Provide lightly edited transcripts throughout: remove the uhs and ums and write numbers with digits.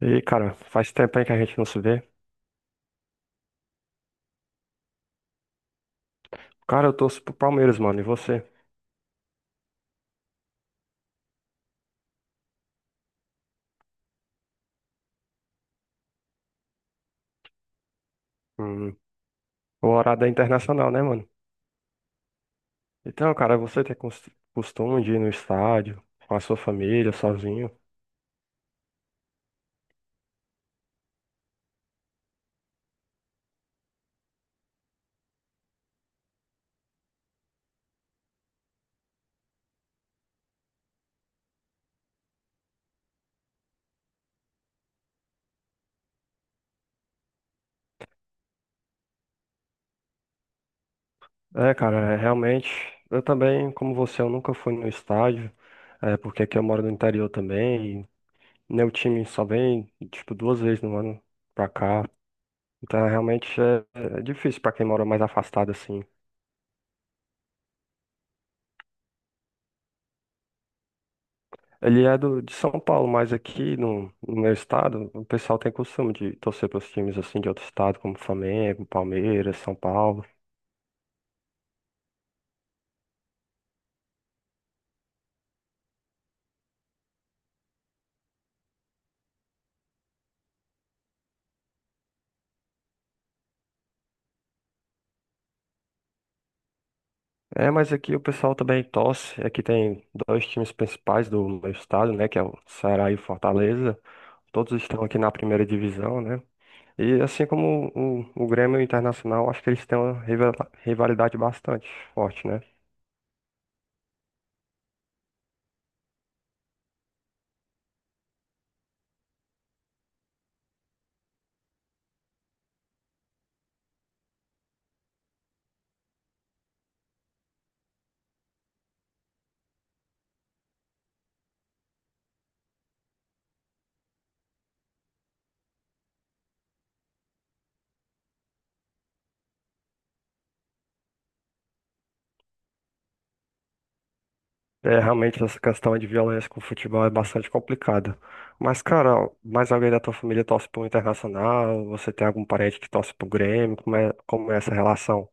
E, cara, faz tempo aí que a gente não se vê. Cara, eu torço pro Palmeiras, mano. E você? Hum, o horário é internacional, né, mano? Então, cara, você tem costume de ir no estádio com a sua família, sozinho? É, cara, é, realmente. Eu também, como você, eu nunca fui no estádio. É, porque aqui eu moro no interior também. E meu time só vem, tipo, duas vezes no ano pra cá. Então, realmente é, é difícil pra quem mora mais afastado, assim. Ele é do, de São Paulo, mas aqui no meu estado, o pessoal tem costume de torcer para os times assim de outro estado, como Flamengo, Palmeiras, São Paulo. É, mas aqui o pessoal também torce. Aqui tem dois times principais do meu estado, né, que é o Ceará e o Fortaleza. Todos estão aqui na primeira divisão, né? E assim como o Grêmio e o Internacional, acho que eles têm uma rivalidade bastante forte, né? É, realmente essa questão de violência com o futebol é bastante complicada. Mas, cara, mais alguém da tua família torce pro Internacional? Você tem algum parente que torce pro Grêmio? Como é essa relação?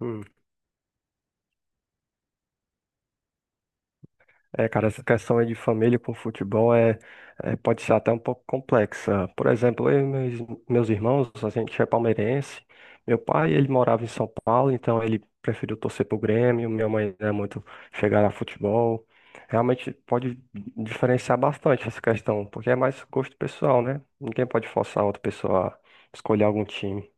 Hum. É, cara, essa questão aí de família com futebol é- pode ser até um pouco complexa. Por exemplo, eu e meus irmãos, a gente é palmeirense. Meu pai, ele morava em São Paulo, então ele preferiu torcer pro Grêmio. Minha mãe não é muito chegada a futebol. Realmente pode diferenciar bastante essa questão, porque é mais gosto pessoal, né? Ninguém pode forçar outra pessoa a escolher algum time.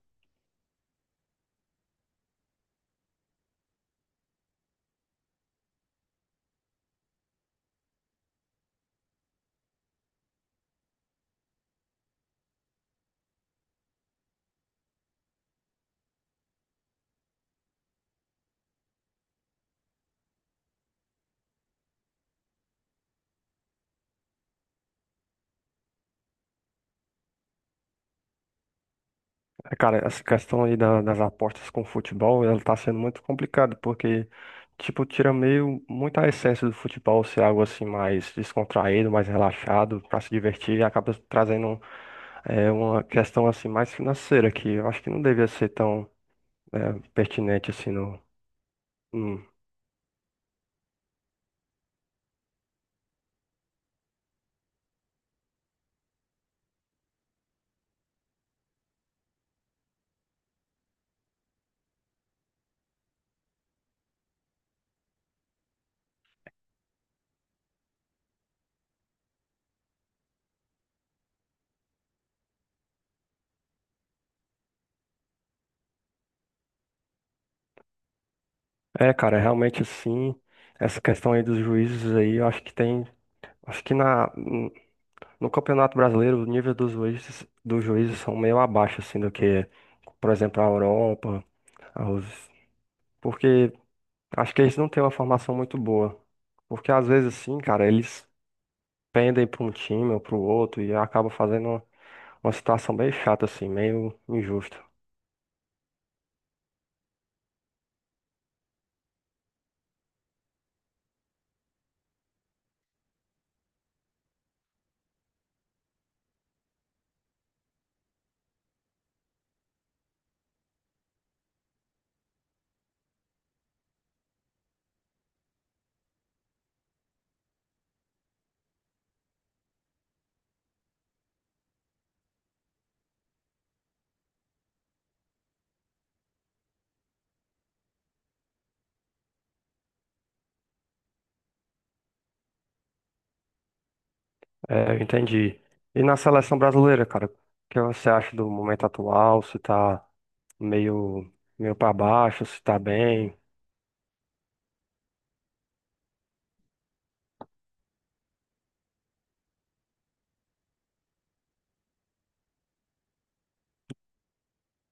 É, cara, essa questão aí das apostas com futebol, ela tá sendo muito complicada, porque, tipo, tira meio muita essência do futebol ser algo assim mais descontraído, mais relaxado, pra se divertir, e acaba trazendo uma questão assim mais financeira, que eu acho que não devia ser tão pertinente assim no. Hum. É, cara, realmente assim, essa questão aí dos juízes aí, eu acho que tem. Acho que na, No Campeonato Brasileiro, o nível dos juízes são meio abaixo, assim, do que, por exemplo, a Europa, aos... porque acho que eles não têm uma formação muito boa. Porque às vezes, assim, cara, eles pendem para um time ou para o outro e acaba fazendo uma situação bem chata, assim, meio injusta. É, eu entendi. E na seleção brasileira, cara, o que você acha do momento atual? Se tá meio, meio para baixo, se tá bem?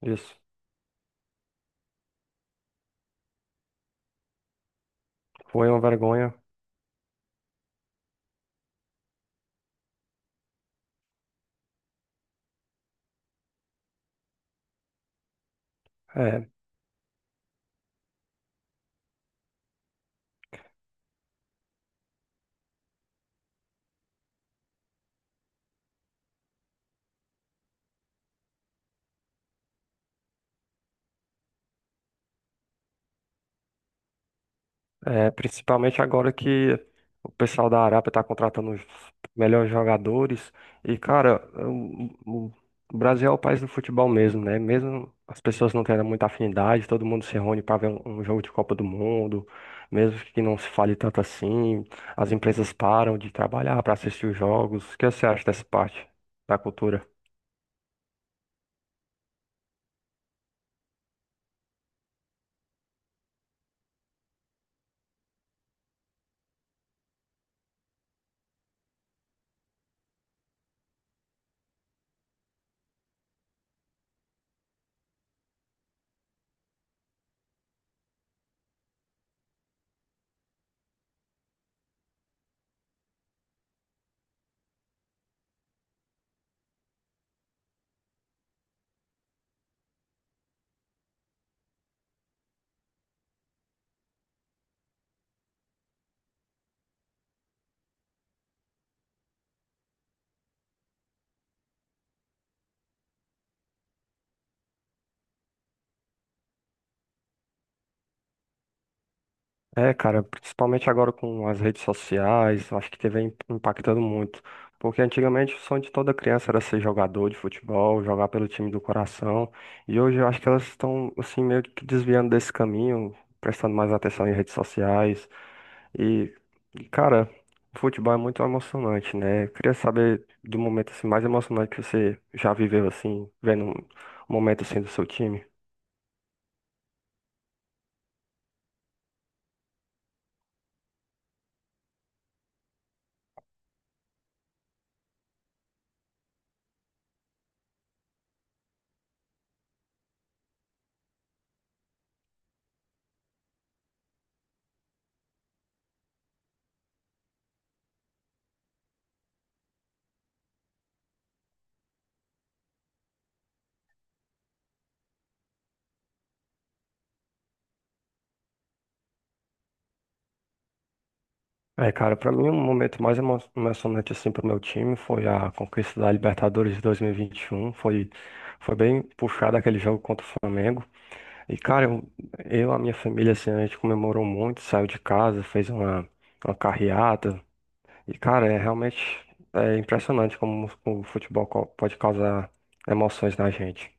Isso foi uma vergonha. É, É, principalmente agora que o pessoal da Arábia está contratando os melhores jogadores. E, cara, o- o Brasil é o país do futebol mesmo, né? Mesmo as pessoas não tendo muita afinidade, todo mundo se reúne para ver um, um jogo de Copa do Mundo, mesmo que não se fale tanto assim. As empresas param de trabalhar para assistir os jogos. O que você acha dessa parte da cultura? É, cara, principalmente agora com as redes sociais, eu acho que teve impactando muito. Porque antigamente o sonho de toda criança era ser jogador de futebol, jogar pelo time do coração. E hoje eu acho que elas estão, assim, meio que desviando desse caminho, prestando mais atenção em redes sociais. E, cara, o futebol é muito emocionante, né? Eu queria saber do momento assim, mais emocionante que você já viveu, assim, vendo um momento assim do seu time. É, cara, pra mim o momento mais emocionante assim pro meu time foi a conquista da Libertadores de 2021. Foi bem puxado aquele jogo contra o Flamengo. E, cara, eu, a minha família, assim, a gente comemorou muito, saiu de casa, fez uma carreata. E, cara, é realmente é impressionante como o futebol pode causar emoções na gente.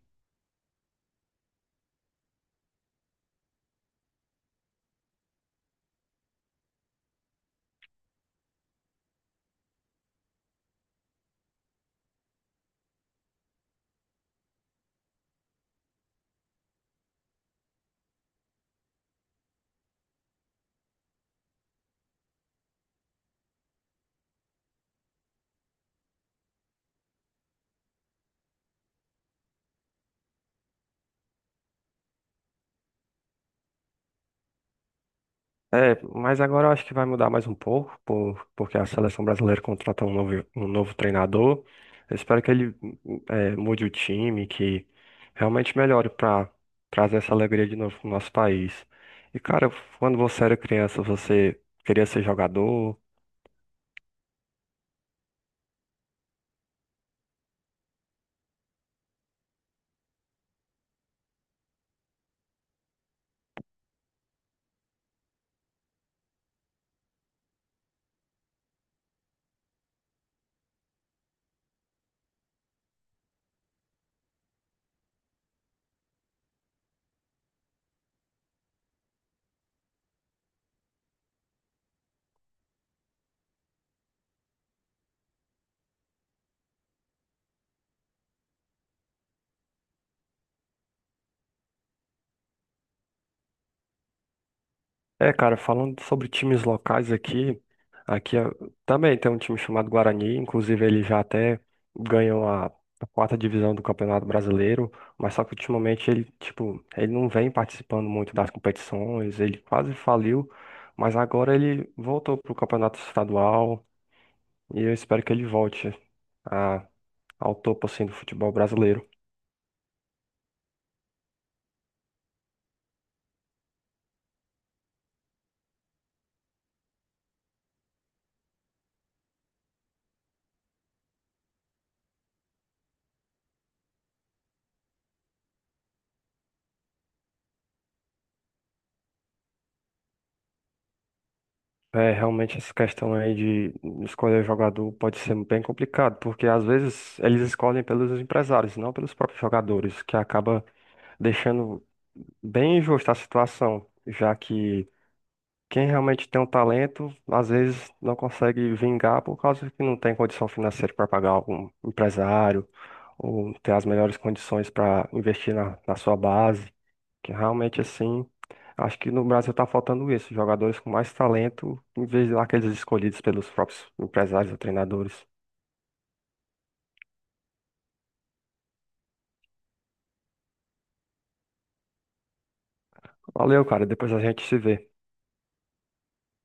É, mas agora eu acho que vai mudar mais um pouco, porque a seleção brasileira contratou um novo treinador. Eu espero que ele mude o time, que realmente melhore para trazer essa alegria de novo pro nosso país. E cara, quando você era criança, você queria ser jogador? É, cara, falando sobre times locais aqui, aqui eh, também tem um time chamado Guarani, inclusive ele já até ganhou a 4ª divisão do Campeonato Brasileiro, mas só que ultimamente ele, tipo, ele não vem participando muito das competições, ele quase faliu, mas agora ele voltou pro Campeonato Estadual e eu espero que ele volte a- ao topo, assim, do futebol brasileiro. É, realmente essa questão aí de escolher jogador pode ser bem complicado, porque às vezes eles escolhem pelos empresários, não pelos próprios jogadores, que acaba deixando bem injusta a situação, já que quem realmente tem um talento, às vezes não consegue vingar por causa que não tem condição financeira para pagar algum empresário, ou ter as melhores condições para investir na, na sua base. Que realmente assim, acho que no Brasil tá faltando isso, jogadores com mais talento, em vez daqueles escolhidos pelos próprios empresários ou treinadores. Valeu, cara, depois a gente se vê.